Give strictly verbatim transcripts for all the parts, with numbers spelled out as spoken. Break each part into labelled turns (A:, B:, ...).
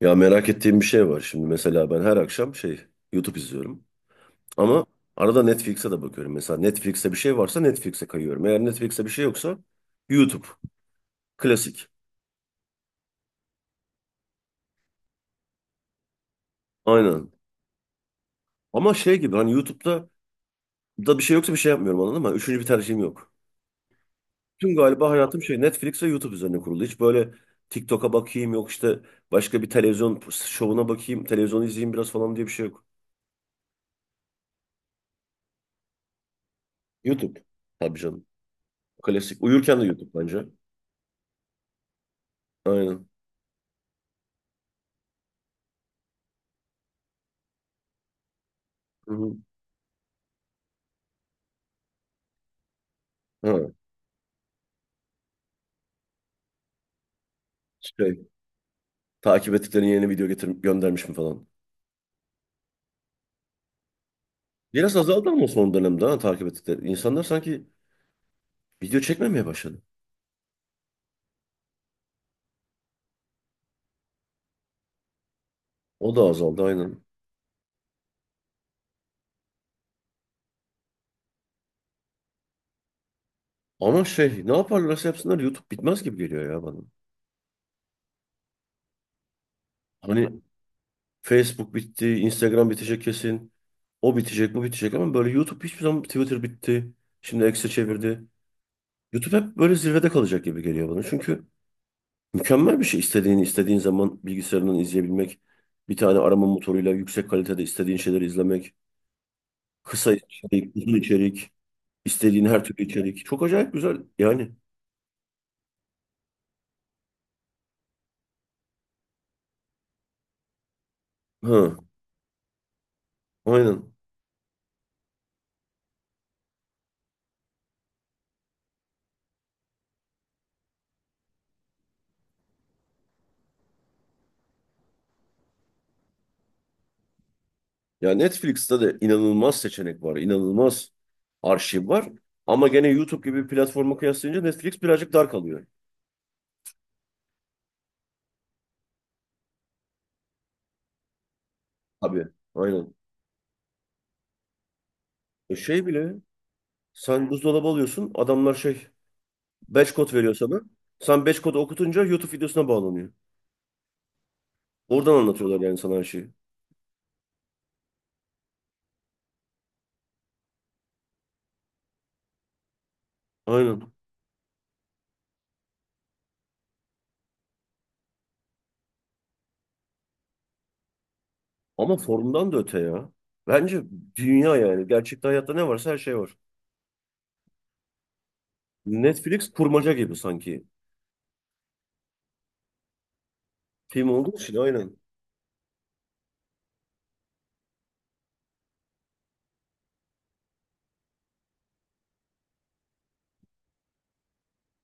A: Ya merak ettiğim bir şey var. Şimdi mesela ben her akşam şey YouTube izliyorum. Ama arada Netflix'e de bakıyorum. Mesela Netflix'te bir şey varsa Netflix'e kayıyorum. Eğer Netflix'te bir şey yoksa YouTube. Klasik. Aynen. Ama şey gibi hani YouTube'da da bir şey yoksa bir şey yapmıyorum anladın mı? Üçüncü bir tercihim yok. Tüm galiba hayatım şey Netflix ve YouTube üzerine kurulu. Hiç böyle TikTok'a bakayım yok işte başka bir televizyon şovuna bakayım, televizyonu izleyeyim biraz falan diye bir şey yok. YouTube. Tabii canım. Klasik. Uyurken de YouTube bence. Aynen. Hı hı. Ha, şey. Takip ettiklerin yeni video getir göndermiş mi falan. Biraz azaldı ama son dönemde ha, takip ettikleri. İnsanlar sanki video çekmemeye başladı. O da azaldı aynen. Ama şey ne yaparlarsa yapsınlar YouTube bitmez gibi geliyor ya bana. Hani Facebook bitti, Instagram bitecek kesin. O bitecek, bu bitecek ama böyle YouTube hiçbir zaman Twitter bitti. Şimdi X'e çevirdi. YouTube hep böyle zirvede kalacak gibi geliyor bana. Çünkü mükemmel bir şey istediğini istediğin zaman bilgisayarından izleyebilmek. Bir tane arama motoruyla yüksek kalitede istediğin şeyleri izlemek. Kısa içerik, uzun içerik, istediğin her türlü içerik. Çok acayip güzel yani. Ha, aynen. Ya Netflix'te de inanılmaz seçenek var, inanılmaz arşiv var. Ama gene YouTube gibi bir platforma kıyaslayınca Netflix birazcık dar kalıyor. Tabii, aynen. E şey bile, sen buzdolabı alıyorsun, adamlar şey, batch kod veriyor sana. Sen batch kodu okutunca YouTube videosuna bağlanıyor. Oradan anlatıyorlar yani sana her şeyi. Aynen. Ama formdan da öte ya. Bence dünya yani. Gerçekte hayatta ne varsa her şey var. Netflix kurmaca gibi sanki. Film olduğu için aynen.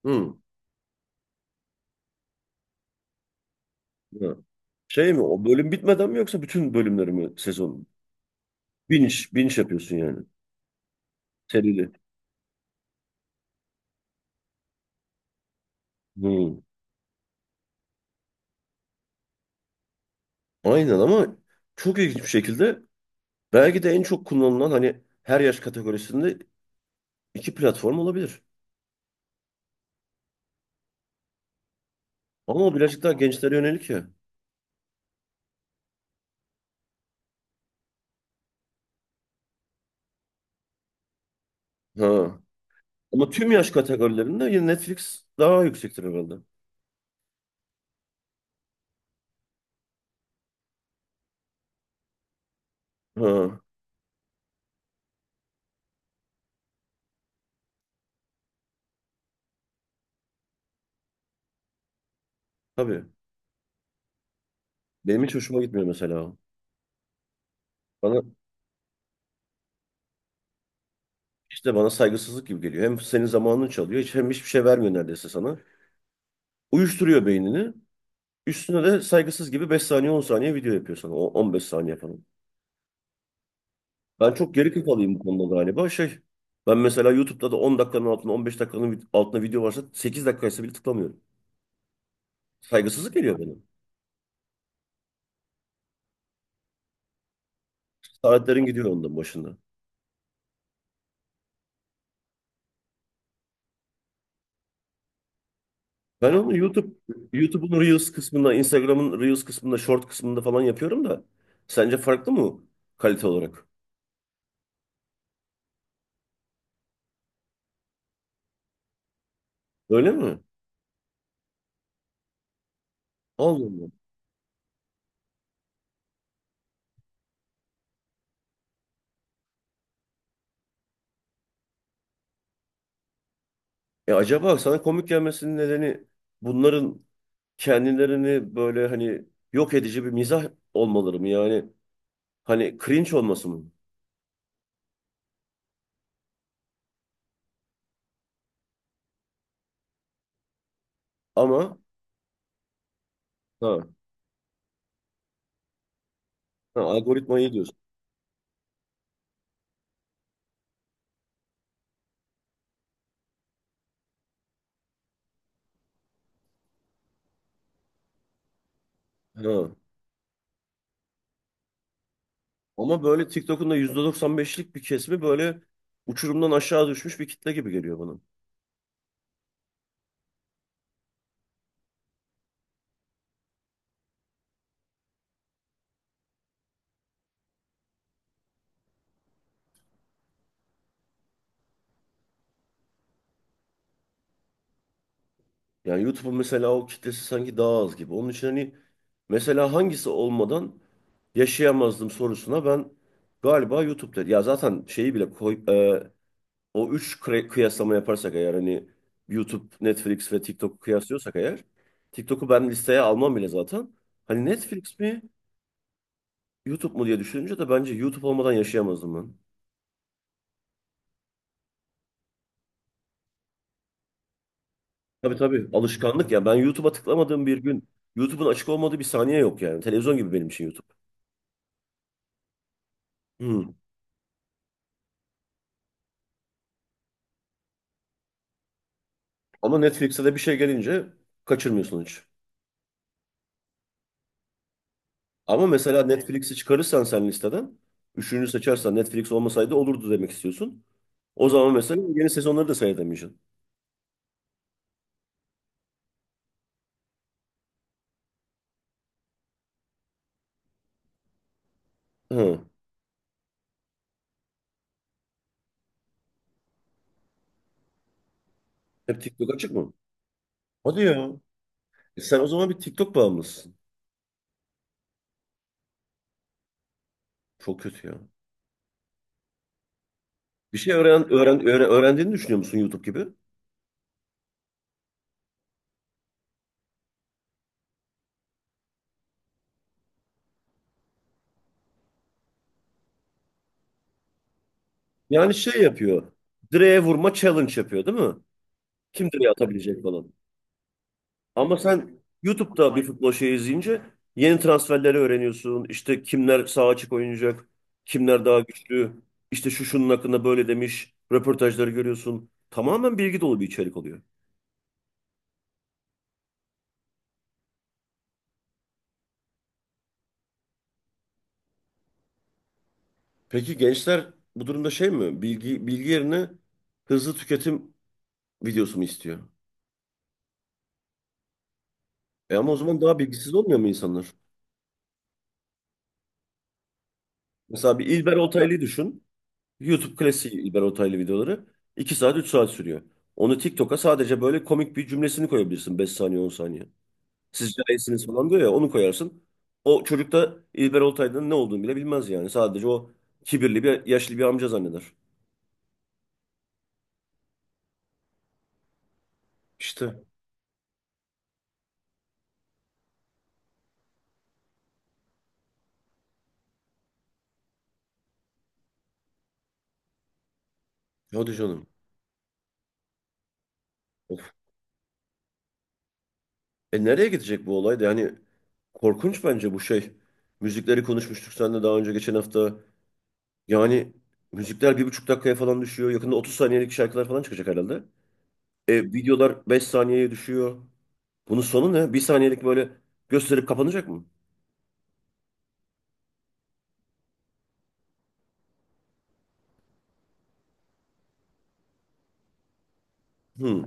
A: Hı. Hı. Şey mi o bölüm bitmeden mi yoksa bütün bölümleri mi sezon? Binge, binge yapıyorsun yani. Serili. Hı. Aynen ama çok ilginç bir şekilde belki de en çok kullanılan hani her yaş kategorisinde iki platform olabilir. Ama o birazcık daha gençlere yönelik ya. Ha. Ama tüm yaş kategorilerinde yine Netflix daha yüksektir herhalde. Ha. Tabii. Benim hiç hoşuma gitmiyor mesela. O. Bana İşte bana saygısızlık gibi geliyor. Hem senin zamanını çalıyor, hiç- hem hiçbir şey vermiyor neredeyse sana. Uyuşturuyor beynini. Üstüne de saygısız gibi beş saniye on saniye video yapıyor sana. O on beş saniye falan. Ben çok geri kafalıyım bu konuda galiba. Şey, ben mesela YouTube'da da on dakikanın altında on beş dakikanın vid- altında video varsa sekiz dakikaysa bile tıklamıyorum. Saygısızlık geliyor bana. Saatlerin gidiyor ondan başında. Ben onu YouTube YouTube'un Reels kısmında, Instagram'ın Reels kısmında, Short kısmında falan yapıyorum da sence farklı mı kalite olarak? Öyle mi? Allah Allah. E acaba sana komik gelmesinin nedeni bunların kendilerini böyle hani yok edici bir mizah olmaları mı? Yani hani cringe olması mı? Ama ha, ha algoritma iyi diyorsun. Ha. Ama böyle TikTok'un da yüzde doksan beşlik bir kesimi böyle uçurumdan aşağı düşmüş bir kitle gibi geliyor bana. Yani YouTube'un mesela o kitlesi sanki daha az gibi. Onun için hani mesela hangisi olmadan yaşayamazdım sorusuna ben galiba YouTube'da. Ya zaten şeyi bile koy, e, o üç kre- kıyaslama yaparsak eğer hani YouTube, Netflix ve TikTok'u kıyaslıyorsak eğer TikTok'u ben listeye almam bile zaten. Hani Netflix mi YouTube mu diye düşününce de bence YouTube olmadan yaşayamazdım ben. Tabii tabii alışkanlık ya. Ben YouTube'a tıklamadığım bir gün YouTube'un açık olmadığı bir saniye yok yani. Televizyon gibi benim için YouTube. Hmm. Ama Netflix'e de bir şey gelince kaçırmıyorsun hiç. Ama mesela Netflix'i çıkarırsan sen listeden, üçüncü seçersen Netflix olmasaydı olurdu demek istiyorsun. O zaman mesela yeni sezonları da seyredemeyeceksin. Hı. Hep TikTok açık mı? Hadi ya. E sen o zaman bir TikTok bağımlısın. Çok kötü ya. Bir şey öğren, öğren, öğren- öğrendiğini düşünüyor musun YouTube gibi? Yani şey yapıyor. Direğe vurma challenge yapıyor değil mi? Kim direğe atabilecek falan. Ama sen YouTube'da bir futbol şeyi izleyince yeni transferleri öğreniyorsun. İşte kimler sağ açık oynayacak. Kimler daha güçlü. İşte şu şunun hakkında böyle demiş. Röportajları görüyorsun. Tamamen bilgi dolu bir içerik oluyor. Peki gençler bu durumda şey mi? Bilgi, bilgi yerine hızlı tüketim videosunu istiyor. E ama o zaman daha bilgisiz olmuyor mu insanlar? Mesela bir İlber Ortaylı'yı düşün. YouTube klasiği İlber Ortaylı videoları iki saat üç saat sürüyor. Onu TikTok'a sadece böyle komik bir cümlesini koyabilirsin beş saniye on saniye. Sizce iyisiniz falan diyor ya onu koyarsın. O çocuk da İlber Ortaylı'nın ne olduğunu bile bilmez yani. Sadece o kibirli bir yaşlı bir amca zanneder. İşte hadi canım. Of. E nereye gidecek bu olay da yani korkunç bence bu şey. Müzikleri konuşmuştuk seninle daha önce geçen hafta. Yani müzikler bir buçuk dakikaya falan düşüyor. Yakında otuz saniyelik şarkılar falan çıkacak herhalde. E, videolar beş saniyeye düşüyor. Bunun sonu ne? Bir saniyelik böyle gösterip kapanacak mı? Hmm.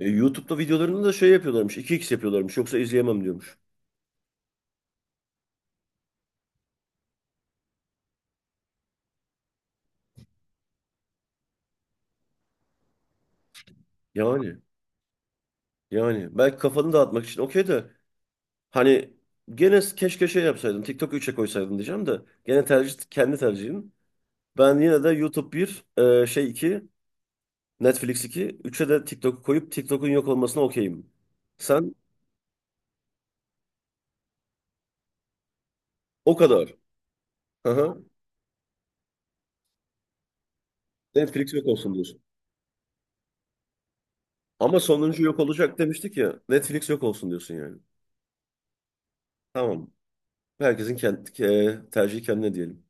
A: E, YouTube'da videolarını da şey yapıyorlarmış. iki x yapıyorlarmış. Yoksa izleyemem diyormuş. Yani. Yani. Belki kafanı dağıtmak için okey de. Hani gene keşke şey yapsaydın. TikTok üçe koysaydın diyeceğim de. Gene tercih kendi tercihin. Ben yine de YouTube bir e, şey iki. Netflix iki, üçe de TikTok'u koyup TikTok'un yok olmasına okeyim. Sen o kadar. Hı hı. Netflix yok olsun diyorsun. Ama sonuncu yok olacak demiştik ya. Netflix yok olsun diyorsun yani. Tamam. Herkesin kendi, e, tercihi kendine diyelim.